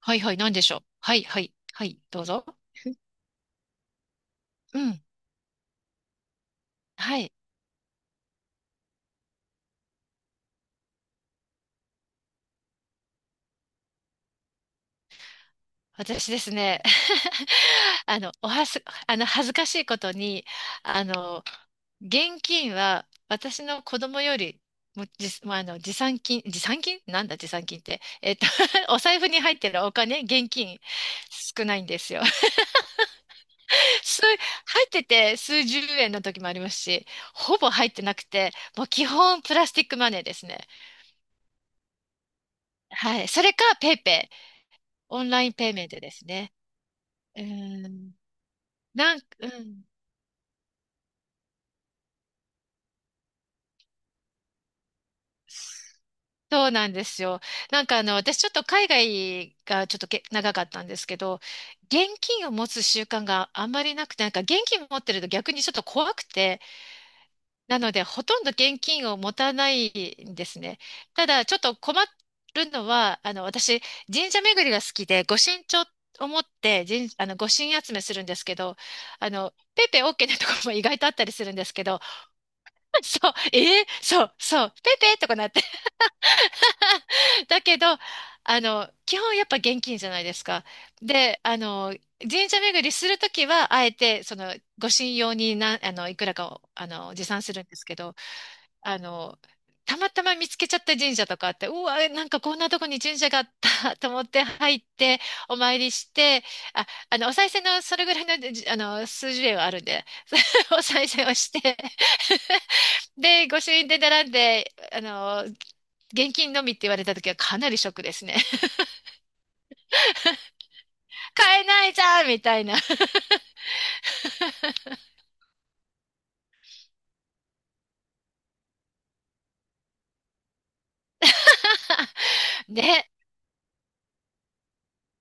はいはい、なんでしょう。はいはい、はい、どうぞ。うん、はい。私ですね、おはす、恥ずかしいことに、あの、現金は私の子供よりもじ、まあ、あの持参金、持参金なんだ持参金って。お財布に入ってるお金、現金少ないんですよ。数、入ってて数十円の時もありますし、ほぼ入ってなくて、もう基本プラスティックマネーですね。はい。それかペイペイ。オンラインペイメントですね。うん。なん、うん。そうなんですよ。私ちょっと海外がちょっとけ長かったんですけど、現金を持つ習慣があんまりなくて、なんか現金持ってると逆にちょっと怖くて、なのでほとんど現金を持たないんですね。ただちょっと困るのは、私神社巡りが好きで、御神帳を持って神、御神集めするんですけど、ペイペイ OK なところも意外とあったりするんですけど、そう、そう、そう、ペイペイとかなって。だけど、基本やっぱ現金じゃないですか。で、神社巡りするときは、あえて、その、ご神用にな、いくらかを、持参するんですけど、あの、たまたま見つけちゃった神社とかあって、うわ、なんかこんなとこに神社があった と思って入って、お参りして、あ、お賽銭のそれぐらいの、じあの、数十円はあるんで、お賽銭をしてで、御朱印で並んで、現金のみって言われた時はかなりショックですね。買えないじゃんみたいな。ね。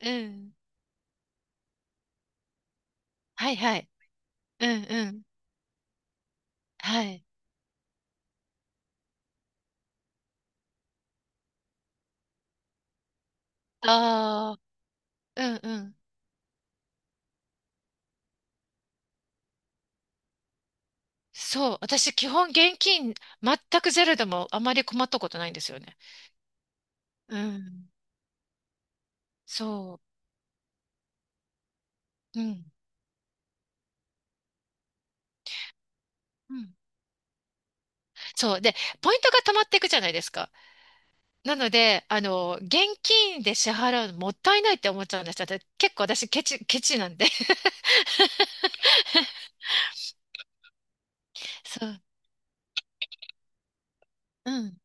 うん。はいはい。うんうん。はい。ああ、うんうん。そう。私、基本現金全くゼロでもあまり困ったことないんですよね。うん。そう。うん。うん。そう。で、ポイントが溜まっていくじゃないですか。なので、現金で支払うのもったいないって思っちゃうんですよ。だって結構私ケチ、ケチなんで。そう。うん。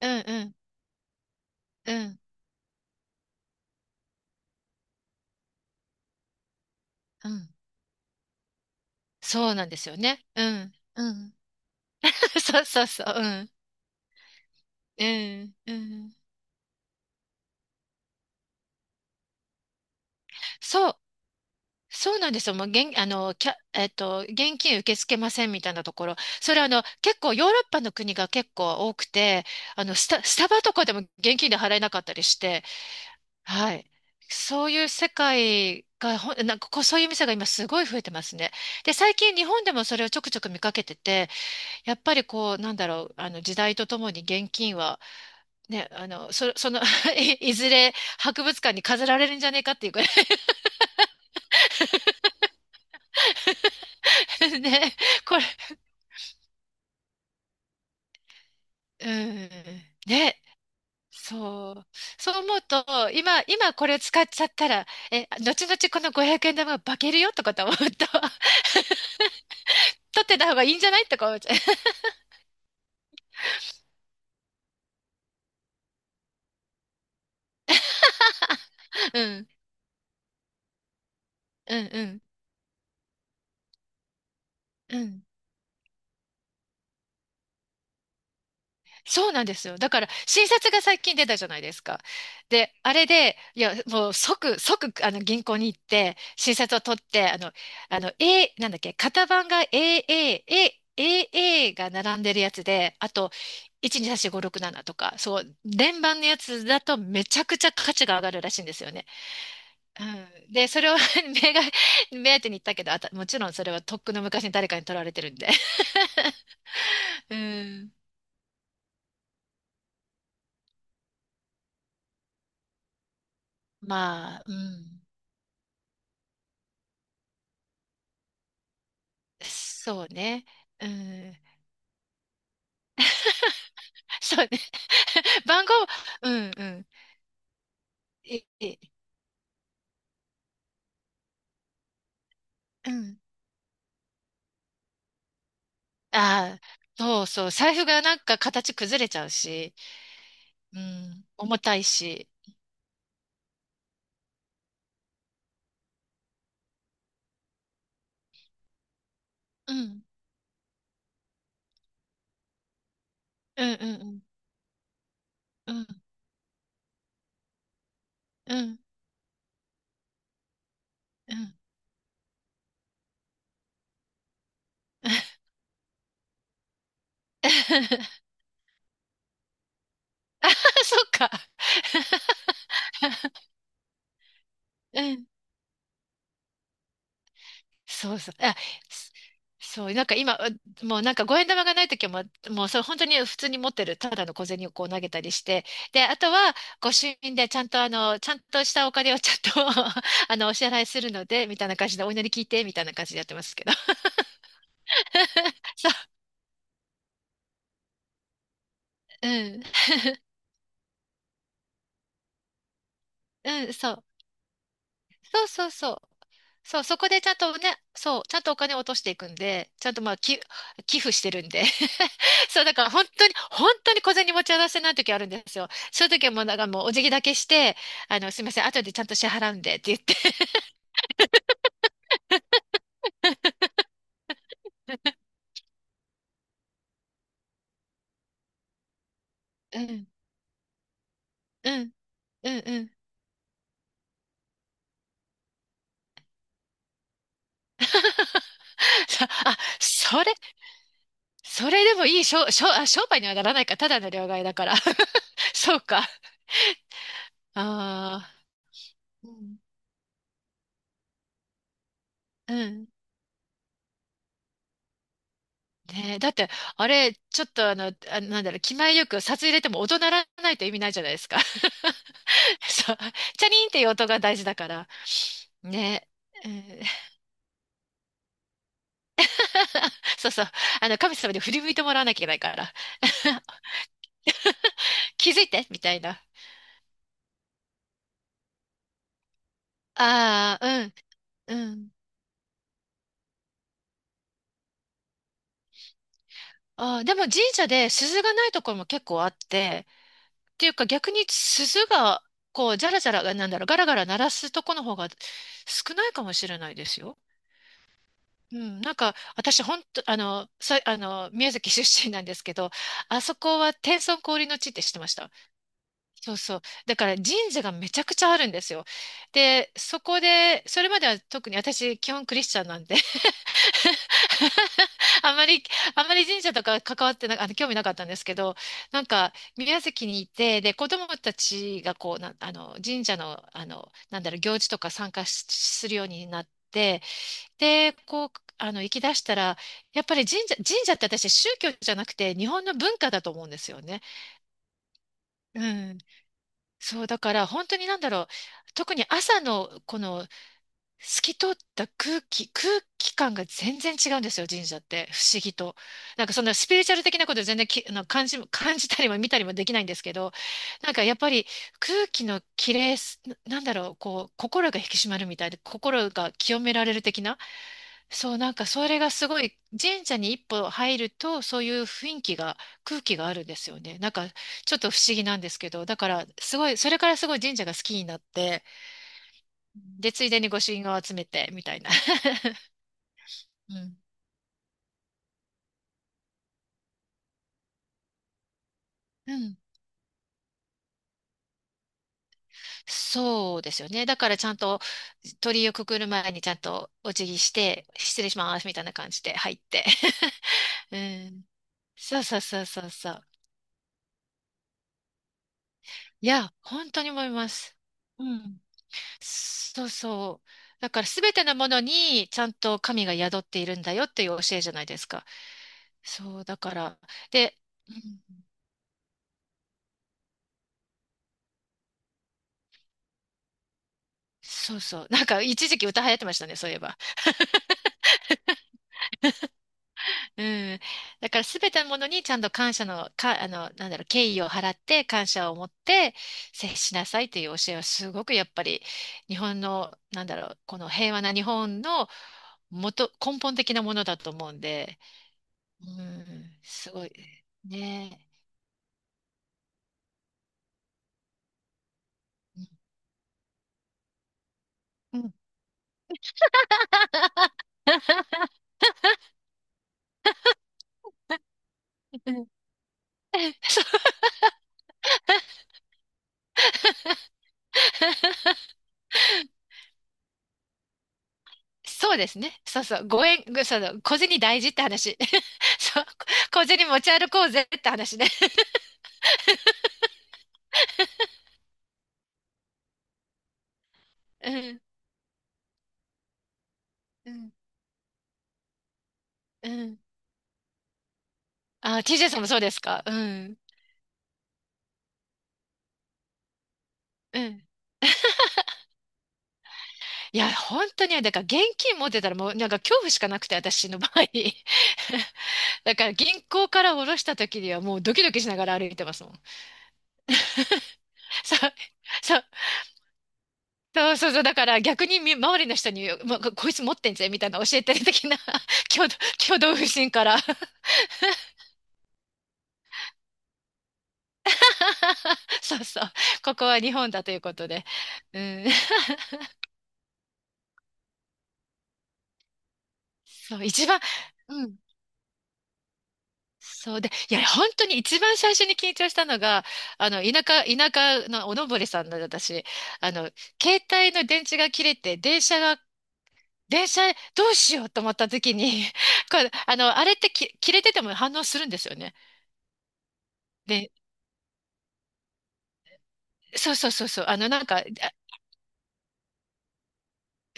うんうんうんうん。そうなんですよね。うんうん。そうそうそう。うん。うんうん。そう。そうなんですよ。もう現、キャ、現金受け付けませんみたいなところ。それ、結構ヨーロッパの国が結構多くて、スタ、スタバとかでも現金で払えなかったりして、はい。そういう世界が、ほん、なんかこう、そういう店が今すごい増えてますね。で、最近日本でもそれをちょくちょく見かけてて、やっぱりこう、なんだろう、あの時代とともに現金は、ね、そ、その い、いずれ博物館に飾られるんじゃねえかっていうくらい ね、これ、うん、ね、そう、そう思うと、今、今これ使っちゃったら、え、後々この500円玉が化けるよとかと思うと、取ってた方がいいんじゃないとか思っちゃう。うん、うん、うん、うん。そうなんですよ。だから、新札が最近出たじゃないですか。で、あれで、いや、もう即、即、銀行に行って、新札を取って、A、なんだっけ、型番が AA、A、AA が並んでるやつで、あと、1234567とか、そう、連番のやつだとめちゃくちゃ価値が上がるらしいんですよね。うん、で、それを 目が、目当てに行ったけど、あた、もちろんそれはとっくの昔に誰かに取られてるんで。うん、まあ、うん。そうね。うん。そうね。番号、うんうん。いいうん。ああ、そうそう。財布がなんか形崩れちゃうし、うん。重たいし。うん。うんうんうん。うんうんうん。そっか。うんそうそう。あ、すそう、なんか今、うもうなんか五円玉がないときはもう、もうそれ本当に普通に持ってる、ただの小銭をこう投げたりして、で、あとはご朱印でちゃんとあの、ちゃんとしたお金をちゃんと お支払いするので、みたいな感じで、お祈り聞いて、みたいな感じでやってますけど。そう、うん、うん、そう、そうそうそう。そう、そこでちゃんとね、そう、ちゃんとお金を落としていくんで、ちゃんとまあ、き、寄付してるんで。そう、だから本当に、本当に小銭持ち合わせない時あるんですよ。そういう時はもう、なんかもうお辞儀だけして、すいません、後でちゃんと支払うんでって言って。うん、うん、うん、うん。そうあ、それ、それでもいい商、商、あ、商売にはならないか、ただの両替だから。そうか。ああ。うん。うんねえ、だって、あれ、ちょっとあ、なんだろう、気前よく札入れても音鳴らないと意味ないじゃないですか。そう、チャリンっていう音が大事だから。ねえ。うん そうそう。神様に振り向いてもらわなきゃいけないから。気づいてみたいな。ああ、うん、うん。ああ、でも神社で鈴がないところも結構あって、っていうか逆に鈴が、こう、じゃらじゃら、なんだろう、ガラガラ鳴らすとこの方が少ないかもしれないですよ。うん、なんか私本当あのさあの宮崎出身なんですけどあそこは天孫降臨の地って知ってましたそうそうだから神社がめちゃくちゃあるんですよでそこでそれまでは特に私基本クリスチャンなんで あまりあまり神社とか関わってなあの興味なかったんですけどなんか宮崎にいてで子供たちがこうなあの神社の、あのなんだろう行事とか参加しするようになって。で、こう、行き出したら、やっぱり神社、神社って私宗教じゃなくて日本の文化だと思うんですよね。うん。そう、だから本当になんだろう。特に朝のこの透き通った空気、空気感が全然違うんですよ、神社って。不思議と。なんかそんなスピリチュアル的なこと全然き、あの感じ、感じたりも見たりもできないんですけど、なんかやっぱり空気の綺麗す、ななんだろう、こう、心が引き締まるみたいで、心が清められる的な。そう、なんかそれがすごい、神社に一歩入ると、そういう雰囲気が、空気があるんですよね。なんか、ちょっと不思議なんですけど、だから、すごい、それからすごい神社が好きになって、で、ついでに御朱印を集めて、みたいな。うん。うん。そうですよね。だからちゃんと鳥居をくくる前にちゃんとお辞儀して、失礼しますみたいな感じで入って。うん。そうそうそうそうそう。いや、本当に思います。うん。そうそう。だからすべてのものにちゃんと神が宿っているんだよっていう教えじゃないですか。そう、だから。で、うんそうそう。なんか一時期歌流行ってましたね、そういえば。うん。だからすべてのものにちゃんと感謝の、か、なんだろう、敬意を払って感謝を持って接しなさいっていう教えはすごくやっぱり日本の、なんだろう、この平和な日本の元、根本的なものだと思うんで、うん、すごい。ね。うん うんそうそうですね。そうそう。ご縁、ぐその、小銭大事って話。そう。小銭持ち歩こうぜって話ね。うん、うん、うん。あ、TJ さんもそうですかうん、うん。いや、本当にね、だから現金持ってたらもう、なんか恐怖しかなくて、私の場合。だから銀行から下ろした時にはもうドキドキしながら歩いてますもん。そう、そう。そうそうそう。だから逆にみ周りの人に、まこいつ持ってんぜ、みたいな教えてる的な 挙動、挙動不審から そうそう。ここは日本だということで。うん。そう、一番、うん。そうで、いや、本当に一番最初に緊張したのが、田舎、田舎のおのぼりさんの私、あの、携帯の電池が切れて、電車が、電車どうしようと思った時に、これ、あれってき切れてても反応するんですよね。でそうそうそうそう。なんか、あ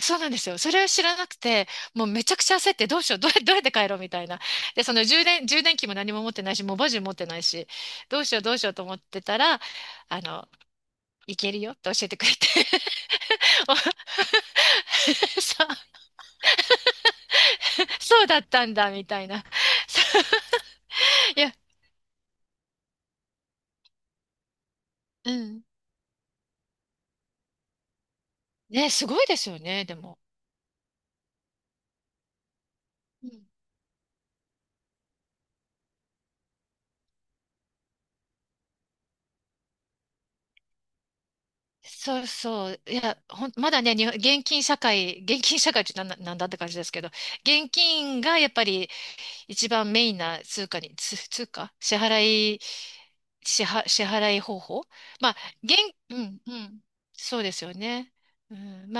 そうなんですよ。それを知らなくて、もうめちゃくちゃ焦って、どうしよう、どうや、どうやって帰ろうみたいな。で、その充電、充電器も何も持ってないし、モバジュ持ってないし、どうしよう、どうしようと思ってたら、あの、いけるよって教えてくれて、お そう、そうだったんだ、みたいな。そういや、うん。ね、すごいですよね、でも。うんそうそう。いや、ほん、まだね、日本現金社会、現金社会ってなんな、なんだって感じですけど、現金がやっぱり一番メインな通貨に、つ通貨支払い、支払、支払い方法まあ、現、うん、うん。そうですよね。うん、まあ